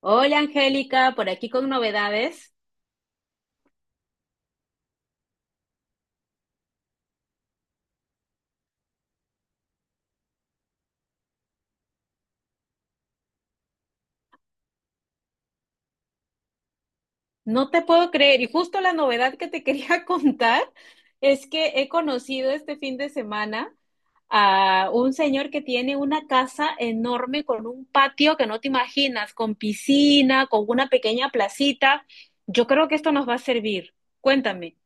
Hola Angélica, por aquí con novedades. No te puedo creer. Y justo la novedad que te quería contar es que he conocido este fin de semana a un señor que tiene una casa enorme con un patio que no te imaginas, con piscina, con una pequeña placita. Yo creo que esto nos va a servir. Cuéntame.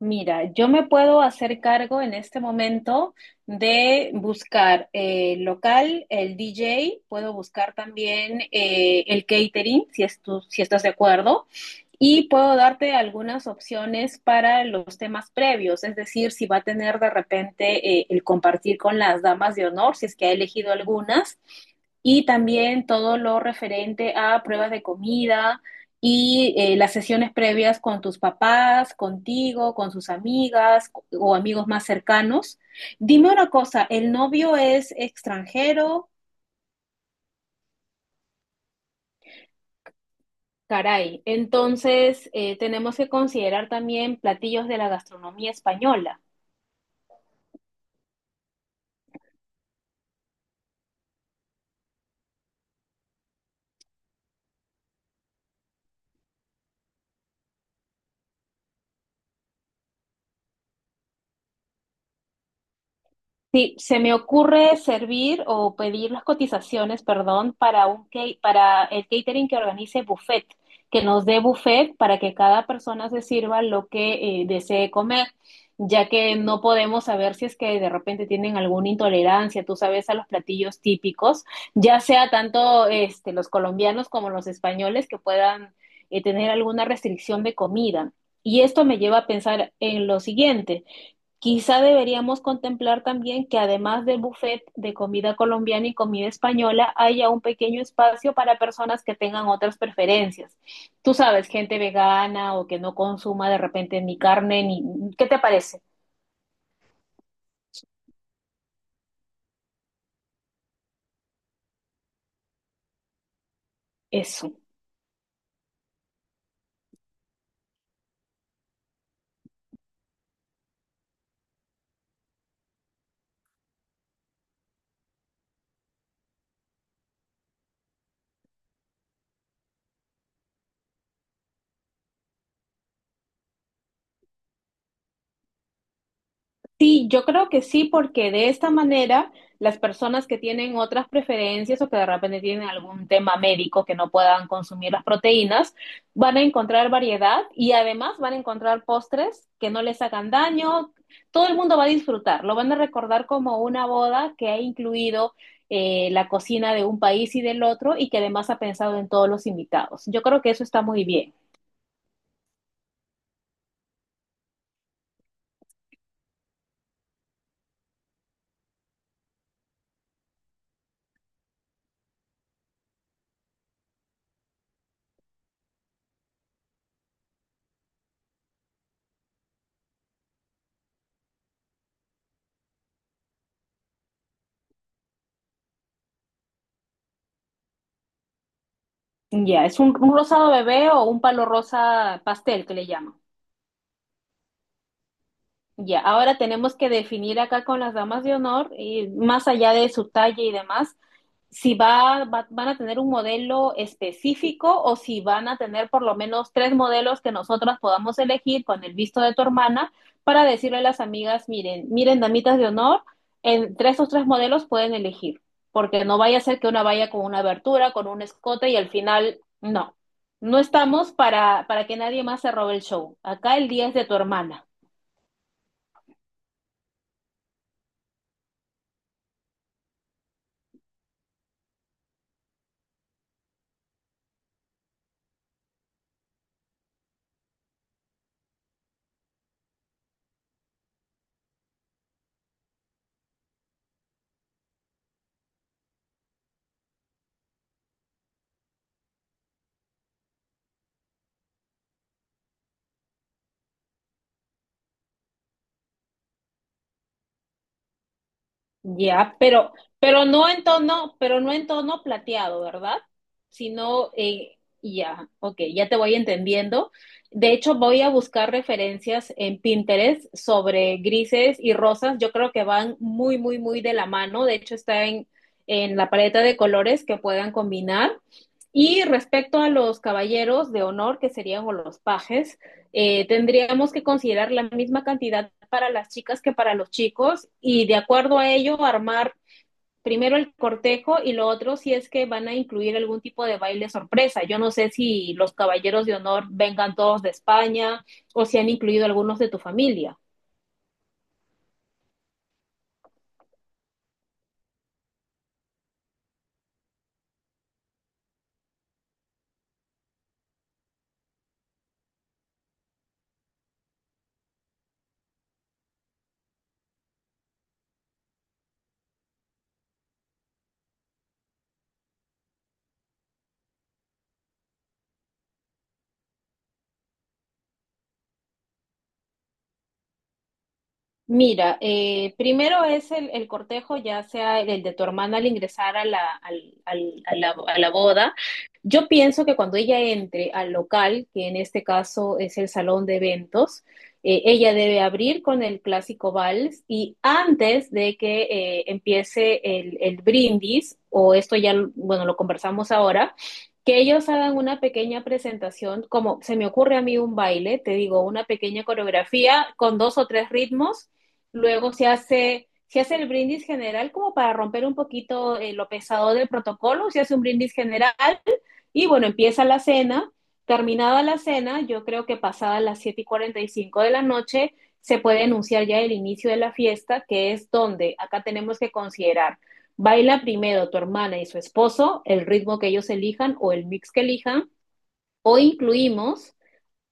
Mira, yo me puedo hacer cargo en este momento de buscar local, el DJ, puedo buscar también el catering, si, si estás de acuerdo, y puedo darte algunas opciones para los temas previos, es decir, si va a tener de repente el compartir con las damas de honor, si es que ha elegido algunas, y también todo lo referente a pruebas de comida, y las sesiones previas con tus papás, contigo, con sus amigas o amigos más cercanos. Dime una cosa, ¿el novio es extranjero? Caray, entonces tenemos que considerar también platillos de la gastronomía española. Sí, se me ocurre servir o pedir las cotizaciones, perdón, para un para el catering que organice buffet, que nos dé buffet para que cada persona se sirva lo que desee comer, ya que no podemos saber si es que de repente tienen alguna intolerancia, tú sabes, a los platillos típicos, ya sea tanto este, los colombianos como los españoles que puedan tener alguna restricción de comida. Y esto me lleva a pensar en lo siguiente. Quizá deberíamos contemplar también que, además del buffet de comida colombiana y comida española, haya un pequeño espacio para personas que tengan otras preferencias. Tú sabes, gente vegana o que no consuma de repente ni carne, ni... ¿Qué te parece eso? Sí, yo creo que sí, porque de esta manera las personas que tienen otras preferencias o que de repente tienen algún tema médico que no puedan consumir las proteínas, van a encontrar variedad y además van a encontrar postres que no les hagan daño. Todo el mundo va a disfrutar, lo van a recordar como una boda que ha incluido la cocina de un país y del otro y que además ha pensado en todos los invitados. Yo creo que eso está muy bien. Ya, es un rosado bebé o un palo rosa pastel que le llaman. Ya, ahora tenemos que definir acá con las damas de honor, y más allá de su talla y demás, si van a tener un modelo específico o si van a tener por lo menos tres modelos que nosotras podamos elegir con el visto de tu hermana, para decirle a las amigas: miren, miren, damitas de honor, entre esos tres modelos pueden elegir, porque no vaya a ser que una vaya con una abertura, con un escote y al final, no. No estamos para que nadie más se robe el show. Acá el día es de tu hermana. Ya, pero, pero no en tono plateado, ¿verdad? Sino, ya, ok, ya te voy entendiendo. De hecho, voy a buscar referencias en Pinterest sobre grises y rosas. Yo creo que van muy, muy, muy de la mano. De hecho, está en la paleta de colores que puedan combinar. Y respecto a los caballeros de honor, que serían o los pajes, tendríamos que considerar la misma cantidad para las chicas que para los chicos, y de acuerdo a ello armar primero el cortejo, y lo otro si es que van a incluir algún tipo de baile sorpresa. Yo no sé si los caballeros de honor vengan todos de España o si han incluido algunos de tu familia. Mira, primero es el cortejo, ya sea el de tu hermana al ingresar a la, al- al- a la boda. Yo pienso que cuando ella entre al local, que en este caso es el salón de eventos, ella debe abrir con el clásico vals, y antes de que empiece el brindis, o esto ya, bueno, lo conversamos ahora, que ellos hagan una pequeña presentación, como se me ocurre a mí un baile, te digo, una pequeña coreografía con dos o tres ritmos. Luego se hace el brindis general como para romper un poquito lo pesado del protocolo, se hace un brindis general y, bueno, empieza la cena. Terminada la cena, yo creo que pasadas las 7:45 de la noche, se puede anunciar ya el inicio de la fiesta, que es donde acá tenemos que considerar: baila primero tu hermana y su esposo, el ritmo que ellos elijan o el mix que elijan, o incluimos,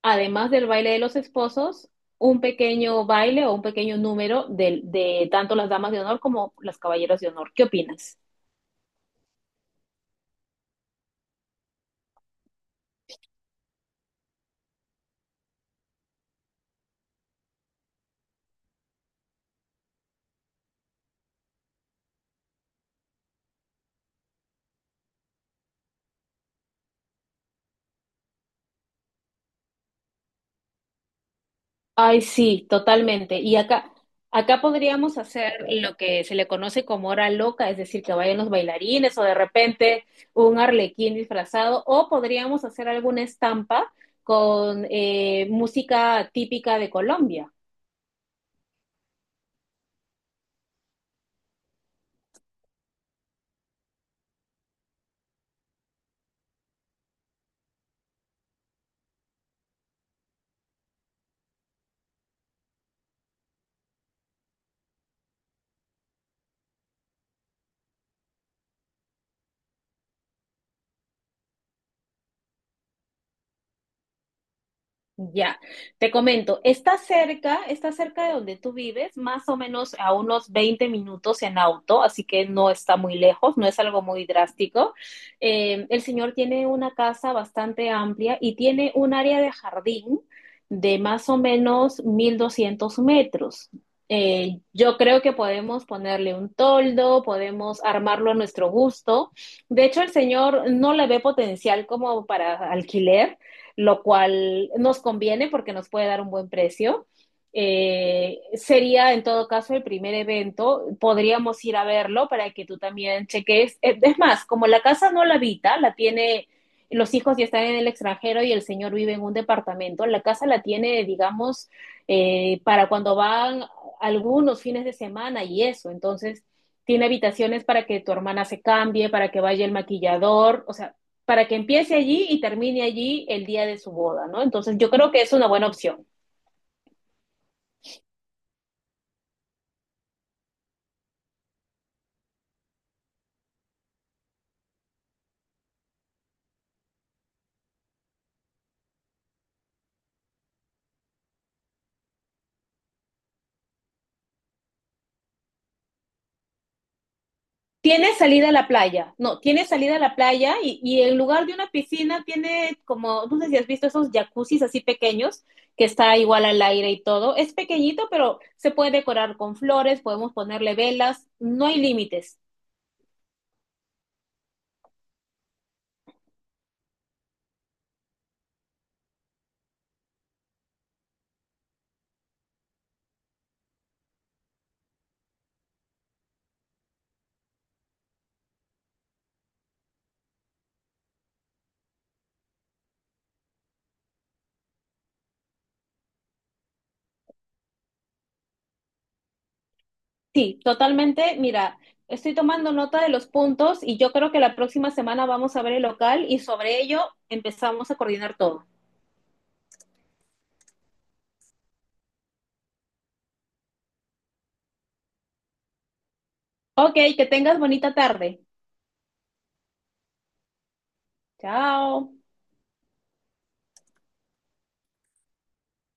además del baile de los esposos, un pequeño baile o un pequeño número de tanto las damas de honor como las caballeros de honor. ¿Qué opinas? Ay, sí, totalmente. Y acá, acá podríamos hacer lo que se le conoce como hora loca, es decir, que vayan los bailarines, o de repente un arlequín disfrazado, o podríamos hacer alguna estampa con música típica de Colombia. Ya, te comento, está cerca de donde tú vives, más o menos a unos 20 minutos en auto, así que no está muy lejos, no es algo muy drástico. El señor tiene una casa bastante amplia y tiene un área de jardín de más o menos 1200 metros. Yo creo que podemos ponerle un toldo, podemos armarlo a nuestro gusto. De hecho, el señor no le ve potencial como para alquiler, lo cual nos conviene porque nos puede dar un buen precio. Sería en todo caso el primer evento, podríamos ir a verlo para que tú también cheques. Es más, como la casa no la habita, los hijos ya están en el extranjero y el señor vive en un departamento, la casa la tiene, digamos, para cuando van algunos fines de semana y eso, entonces tiene habitaciones para que tu hermana se cambie, para que vaya el maquillador, o sea, para que empiece allí y termine allí el día de su boda, ¿no? Entonces yo creo que es una buena opción. Tiene salida a la playa, no, tiene salida a la playa, y en lugar de una piscina tiene como, no sé si has visto esos jacuzzis así pequeños, que está igual al aire y todo. Es pequeñito, pero se puede decorar con flores, podemos ponerle velas, no hay límites. Sí, totalmente, mira, estoy tomando nota de los puntos y yo creo que la próxima semana vamos a ver el local y sobre ello empezamos a coordinar todo. Ok, que tengas bonita tarde. Chao.